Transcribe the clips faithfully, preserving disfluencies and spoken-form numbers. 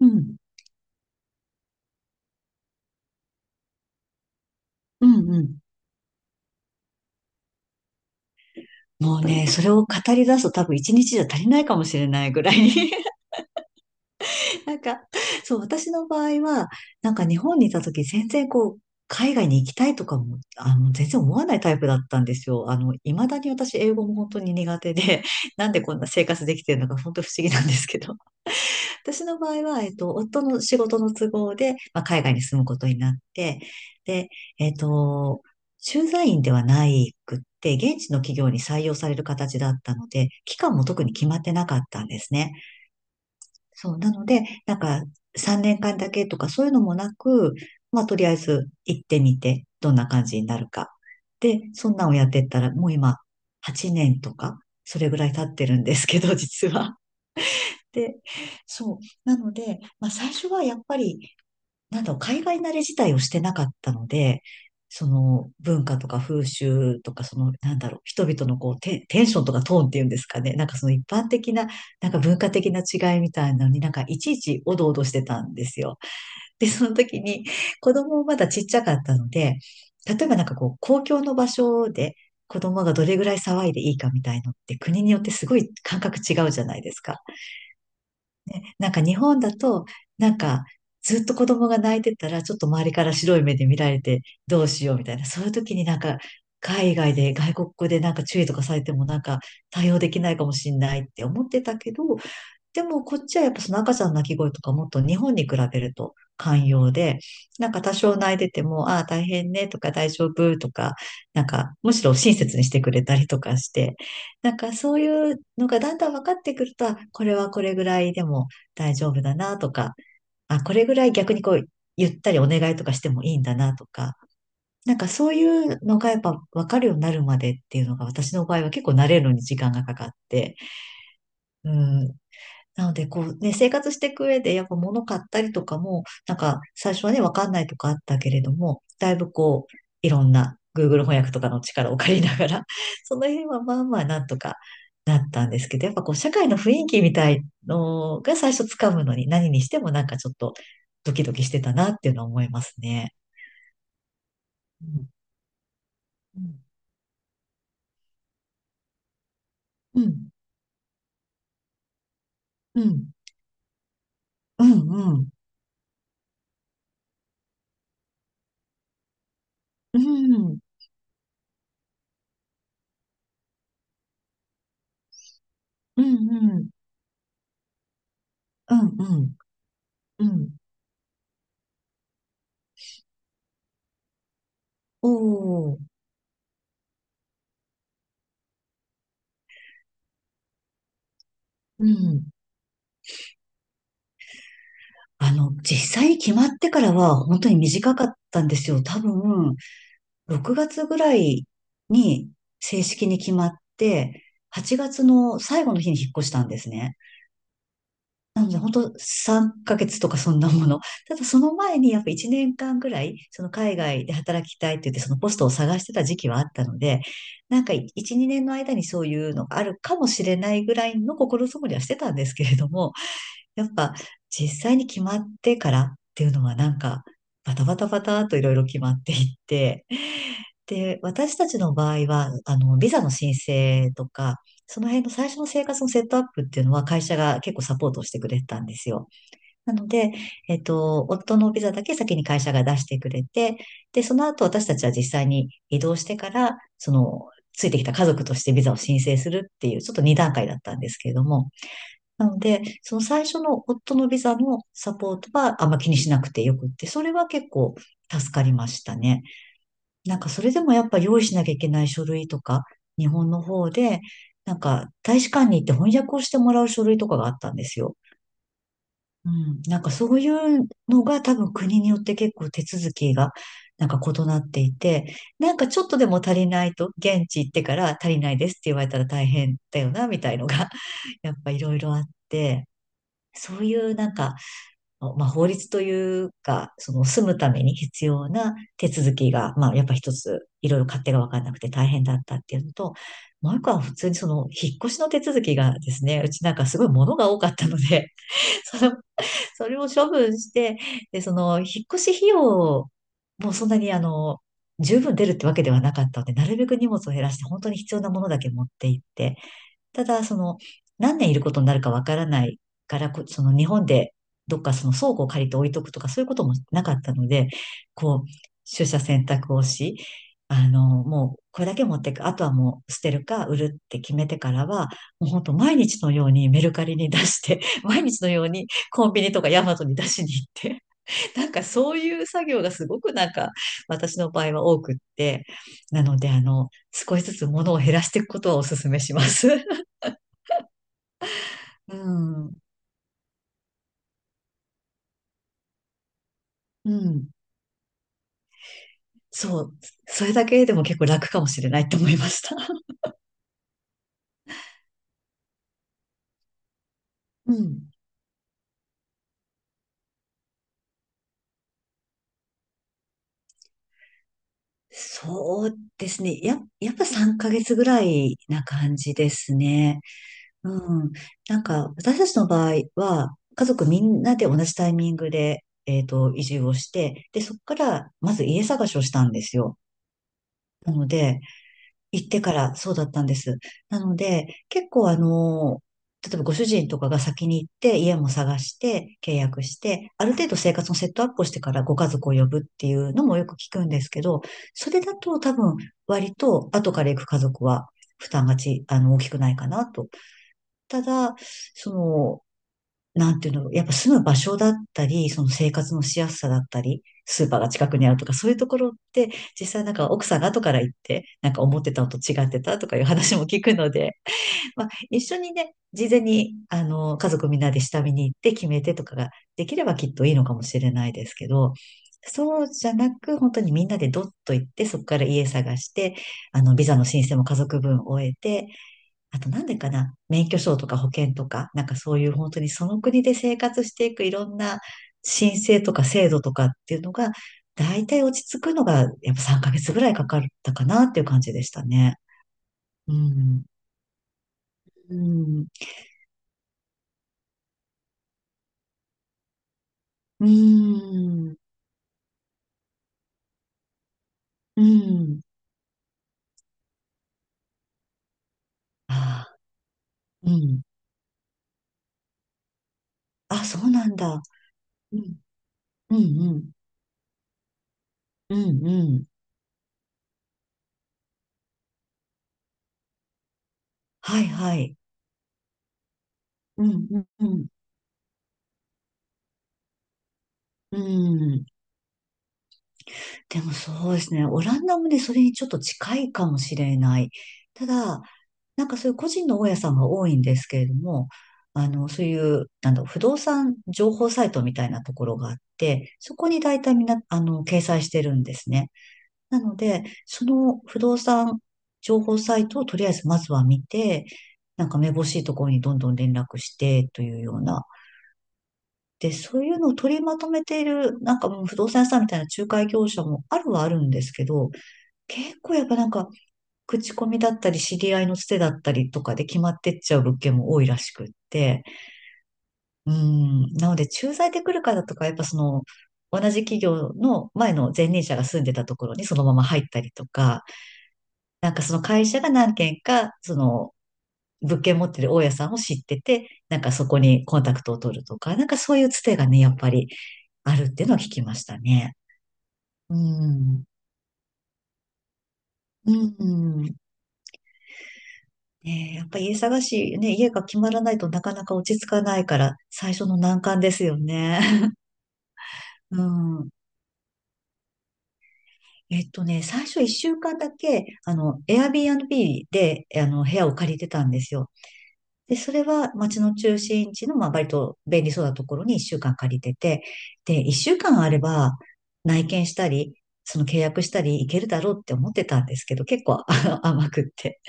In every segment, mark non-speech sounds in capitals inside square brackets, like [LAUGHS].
うん。うんうん。もうね、それを語り出すと多分一日じゃ足りないかもしれないぐらいに [LAUGHS] なんか、そう、私の場合は、なんか日本にいた時全然こう、海外に行きたいとかも、あの、全然思わないタイプだったんですよ。あの、未だに私英語も本当に苦手で、なんでこんな生活できてるのか本当不思議なんですけど。私の場合は、えっと、夫の仕事の都合で、まあ、海外に住むことになって、で、えっと、駐在員ではないくって、現地の企業に採用される形だったので、期間も特に決まってなかったんですね。そう、なので、なんか、さんねんかんだけとかそういうのもなく、まあ、とりあえず行ってみて、どんな感じになるか。で、そんなんをやってったら、もう今、はちねんとか、それぐらい経ってるんですけど、実は。で、そう。なので、まあ最初はやっぱり、なんだろう、海外慣れ自体をしてなかったので、その文化とか風習とか、その、なんだろう、人々のこうテン、テンションとかトーンっていうんですかね。なんかその一般的な、なんか文化的な違いみたいなのになんかいちいちおどおどしてたんですよ。で、その時に子供もまだちっちゃかったので、例えばなんかこう、公共の場所で子供がどれぐらい騒いでいいかみたいのって国によってすごい感覚違うじゃないですか。なんか日本だと、なんかずっと子供が泣いてたら、ちょっと周りから白い目で見られてどうしようみたいな、そういう時になんか海外で外国語でなんか注意とかされてもなんか対応できないかもしれないって思ってたけど、でもこっちはやっぱその赤ちゃんの泣き声とかもっと日本に比べると寛容で、なんか多少泣いてても、ああ大変ねとか大丈夫とか、なんかむしろ親切にしてくれたりとかして、なんかそういうのがだんだん分かってくると、あこれはこれぐらいでも大丈夫だなとか、あ、これぐらい逆にこうゆったりお願いとかしてもいいんだなとか、なんかそういうのがやっぱ分かるようになるまでっていうのが私の場合は結構慣れるのに時間がかかって、うん、なので、こうね、生活していく上で、やっぱ物買ったりとかも、なんか最初はね、わかんないとかあったけれども、だいぶこう、いろんな グーグル 翻訳とかの力を借りながら、その辺はまあまあなんとかなったんですけど、やっぱこう、社会の雰囲気みたいのが最初つかむのに、何にしてもなんかちょっとドキドキしてたなっていうのは思いますね。うんうん、うん、うん、うん、うん、うん、うん、うん、うん、うん、おー、うん。あの、実際に決まってからは本当に短かったんですよ。多分、ろくがつぐらいに正式に決まって、はちがつの最後の日に引っ越したんですね。なので、本当さんかげつとかそんなもの。ただその前にやっぱいちねんかんぐらい、その海外で働きたいって言って、そのポストを探してた時期はあったので、なんかいち、にねんの間にそういうのがあるかもしれないぐらいの心づもりはしてたんですけれども、やっぱ実際に決まってからっていうのはなんかバタバタバタといろいろ決まっていって、[LAUGHS] で、私たちの場合は、あの、ビザの申請とか、その辺の最初の生活のセットアップっていうのは会社が結構サポートをしてくれてたんですよ。なので、えっと、夫のビザだけ先に会社が出してくれて、で、その後私たちは実際に移動してから、その、ついてきた家族としてビザを申請するっていう、ちょっとに段階だったんですけれども、なので、その最初の夫のビザのサポートはあんま気にしなくてよくって、それは結構助かりましたね。なんかそれでもやっぱ用意しなきゃいけない書類とか、日本の方で、なんか大使館に行って翻訳をしてもらう書類とかがあったんですよ。うん。なんかそういうのが多分国によって結構手続きがなんか異なっていて、なんかちょっとでも足りないと、現地行ってから足りないですって言われたら大変だよな、みたいのが、[LAUGHS] やっぱいろいろあって、そういうなんか、まあ、法律というか、その住むために必要な手続きが、まあ、やっぱ一つ、いろいろ勝手が分からなくて大変だったっていうのと、もう一個は普通にその引っ越しの手続きがですね、うちなんかすごい物が多かったので、[LAUGHS] その、それを処分して、で、その引っ越し費用もそんなにあの、十分出るってわけではなかったので、なるべく荷物を減らして本当に必要なものだけ持って行って、ただ、その、何年いることになるかわからないから、こその日本でどっかその倉庫を借りて置いとくとか、そういうこともなかったので、こう、取捨選択をし、あの、もう、これだけ持っていく。あとはもう捨てるか売るって決めてからは、もう本当毎日のようにメルカリに出して、[LAUGHS] 毎日のようにコンビニとかヤマトに出しに行って、[LAUGHS] なんかそういう作業がすごくなんか私の場合は多くって、なのであの、少しずつ物を減らしていくことはお勧めします。うん。うん。そう。それだけでも結構楽かもしれないと思いました。[LAUGHS] うん。そうですね。や、やっぱさんかげつぐらいな感じですね。うん。なんか、私たちの場合は、家族みんなで同じタイミングで、えっと、移住をして、で、そこから、まず家探しをしたんですよ。なので、行ってからそうだったんです。なので、結構あの、例えばご主人とかが先に行って家も探して契約して、ある程度生活のセットアップをしてからご家族を呼ぶっていうのもよく聞くんですけど、それだと多分割と後から行く家族は負担がち、あの、大きくないかなと。ただ、その、なんていうの、やっぱ住む場所だったり、その生活のしやすさだったり、スーパーが近くにあるとか、そういうところって、実際なんか奥さんが後から行って、なんか思ってたのと違ってたとかいう話も聞くので、[LAUGHS] まあ一緒にね、事前に、あの、家族みんなで下見に行って決めてとかができればきっといいのかもしれないですけど、そうじゃなく、本当にみんなでドッと行って、そこから家探して、あの、ビザの申請も家族分終えて、あとなんでかな、免許証とか保険とか、なんかそういう本当にその国で生活していくいろんな申請とか制度とかっていうのが、大体落ち着くのがやっぱさんかげつぐらいかかったかなっていう感じでしたね。うん。うん。うん。うん。ああ、うん。あ、そうなんだ。うん。うん。うん。うん。うんはいはい。うん。うん。うん。でもそうですね。オランダもね、それにちょっと近いかもしれない。ただ、なんかそういう個人の大家さんが多いんですけれども、あの、そういう、なんだろう、不動産情報サイトみたいなところがあって、そこに大体みんな、あの、掲載してるんですね。なので、その不動産情報サイトをとりあえずまずは見て、なんかめぼしいところにどんどん連絡してというような。で、そういうのを取りまとめている、なんかもう不動産屋さんみたいな仲介業者もあるはあるんですけど、結構やっぱなんか口コミだったり、知り合いのつてだったりとかで決まってっちゃう物件も多いらしくって、うん、なので、駐在で来る方とか、やっぱその、同じ企業の前の前任者が住んでたところにそのまま入ったりとか、なんかその会社が何軒か、その、物件持ってる大家さんを知ってて、なんかそこにコンタクトを取るとか、なんかそういうつてがね、やっぱりあるっていうのは聞きましたね。うん。うん。ねえ、やっぱ家探し、ね、家が決まらないとなかなか落ち着かないから、最初の難関ですよね。[LAUGHS] うん。えっとね、最初一週間だけ、あの、Airbnb で、あの、部屋を借りてたんですよ。で、それは街の中心地の、まあ、割と便利そうなところに一週間借りてて、で、一週間あれば、内見したり、その契約したり、いけるだろうって思ってたんですけど、結構 [LAUGHS] あの甘くって。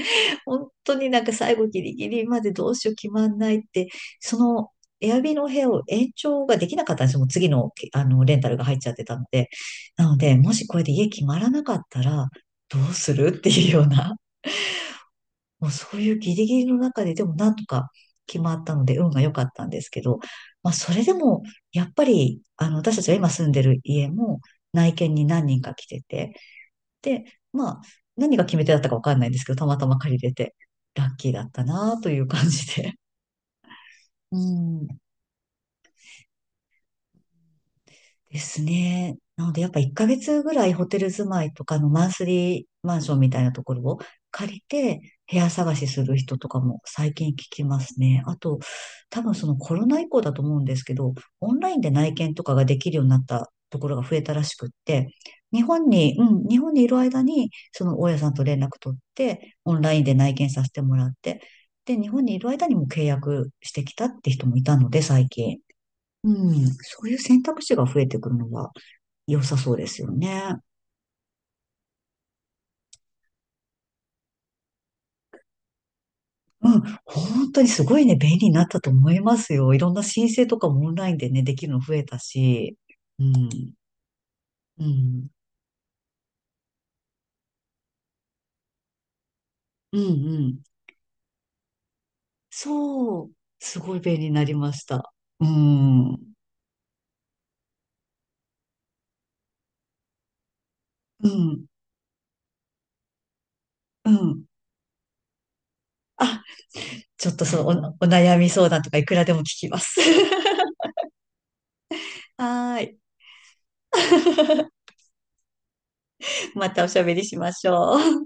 本当になんか最後ギリギリまでどうしよう決まんないって、そのエアビの部屋を延長ができなかったんですよ。もう次の、あのレンタルが入っちゃってたので。なので、もしこれで家決まらなかったらどうするっていうような、もうそういうギリギリの中ででもなんとか決まったので運が良かったんですけど、まあそれでもやっぱりあの私たちが今住んでる家も内見に何人か来てて、で、まあ、何が決め手だったかわかんないんですけど、たまたま借りれて、ラッキーだったなという感じで。うん。ですね。なので、やっぱいっかげつぐらいホテル住まいとかのマンスリーマンションみたいなところを借りて部屋探しする人とかも最近聞きますね。あと、多分そのコロナ以降だと思うんですけど、オンラインで内見とかができるようになったところが増えたらしくって、日本に、うん、日本にいる間に、その大家さんと連絡取って、オンラインで内見させてもらって、で、日本にいる間にも契約してきたって人もいたので、最近。うん、そういう選択肢が増えてくるのは良さそうですよね。うん、本当にすごいね、便利になったと思いますよ。いろんな申請とかもオンラインでね、できるの増えたし。うん、うん、うん、うん。そう、すごい便利になりました。うん、うん、うん。あ、ちょっとそのお、お悩み相談とかいくらでも聞きます。[LAUGHS] はーい。[LAUGHS] またおしゃべりしましょう。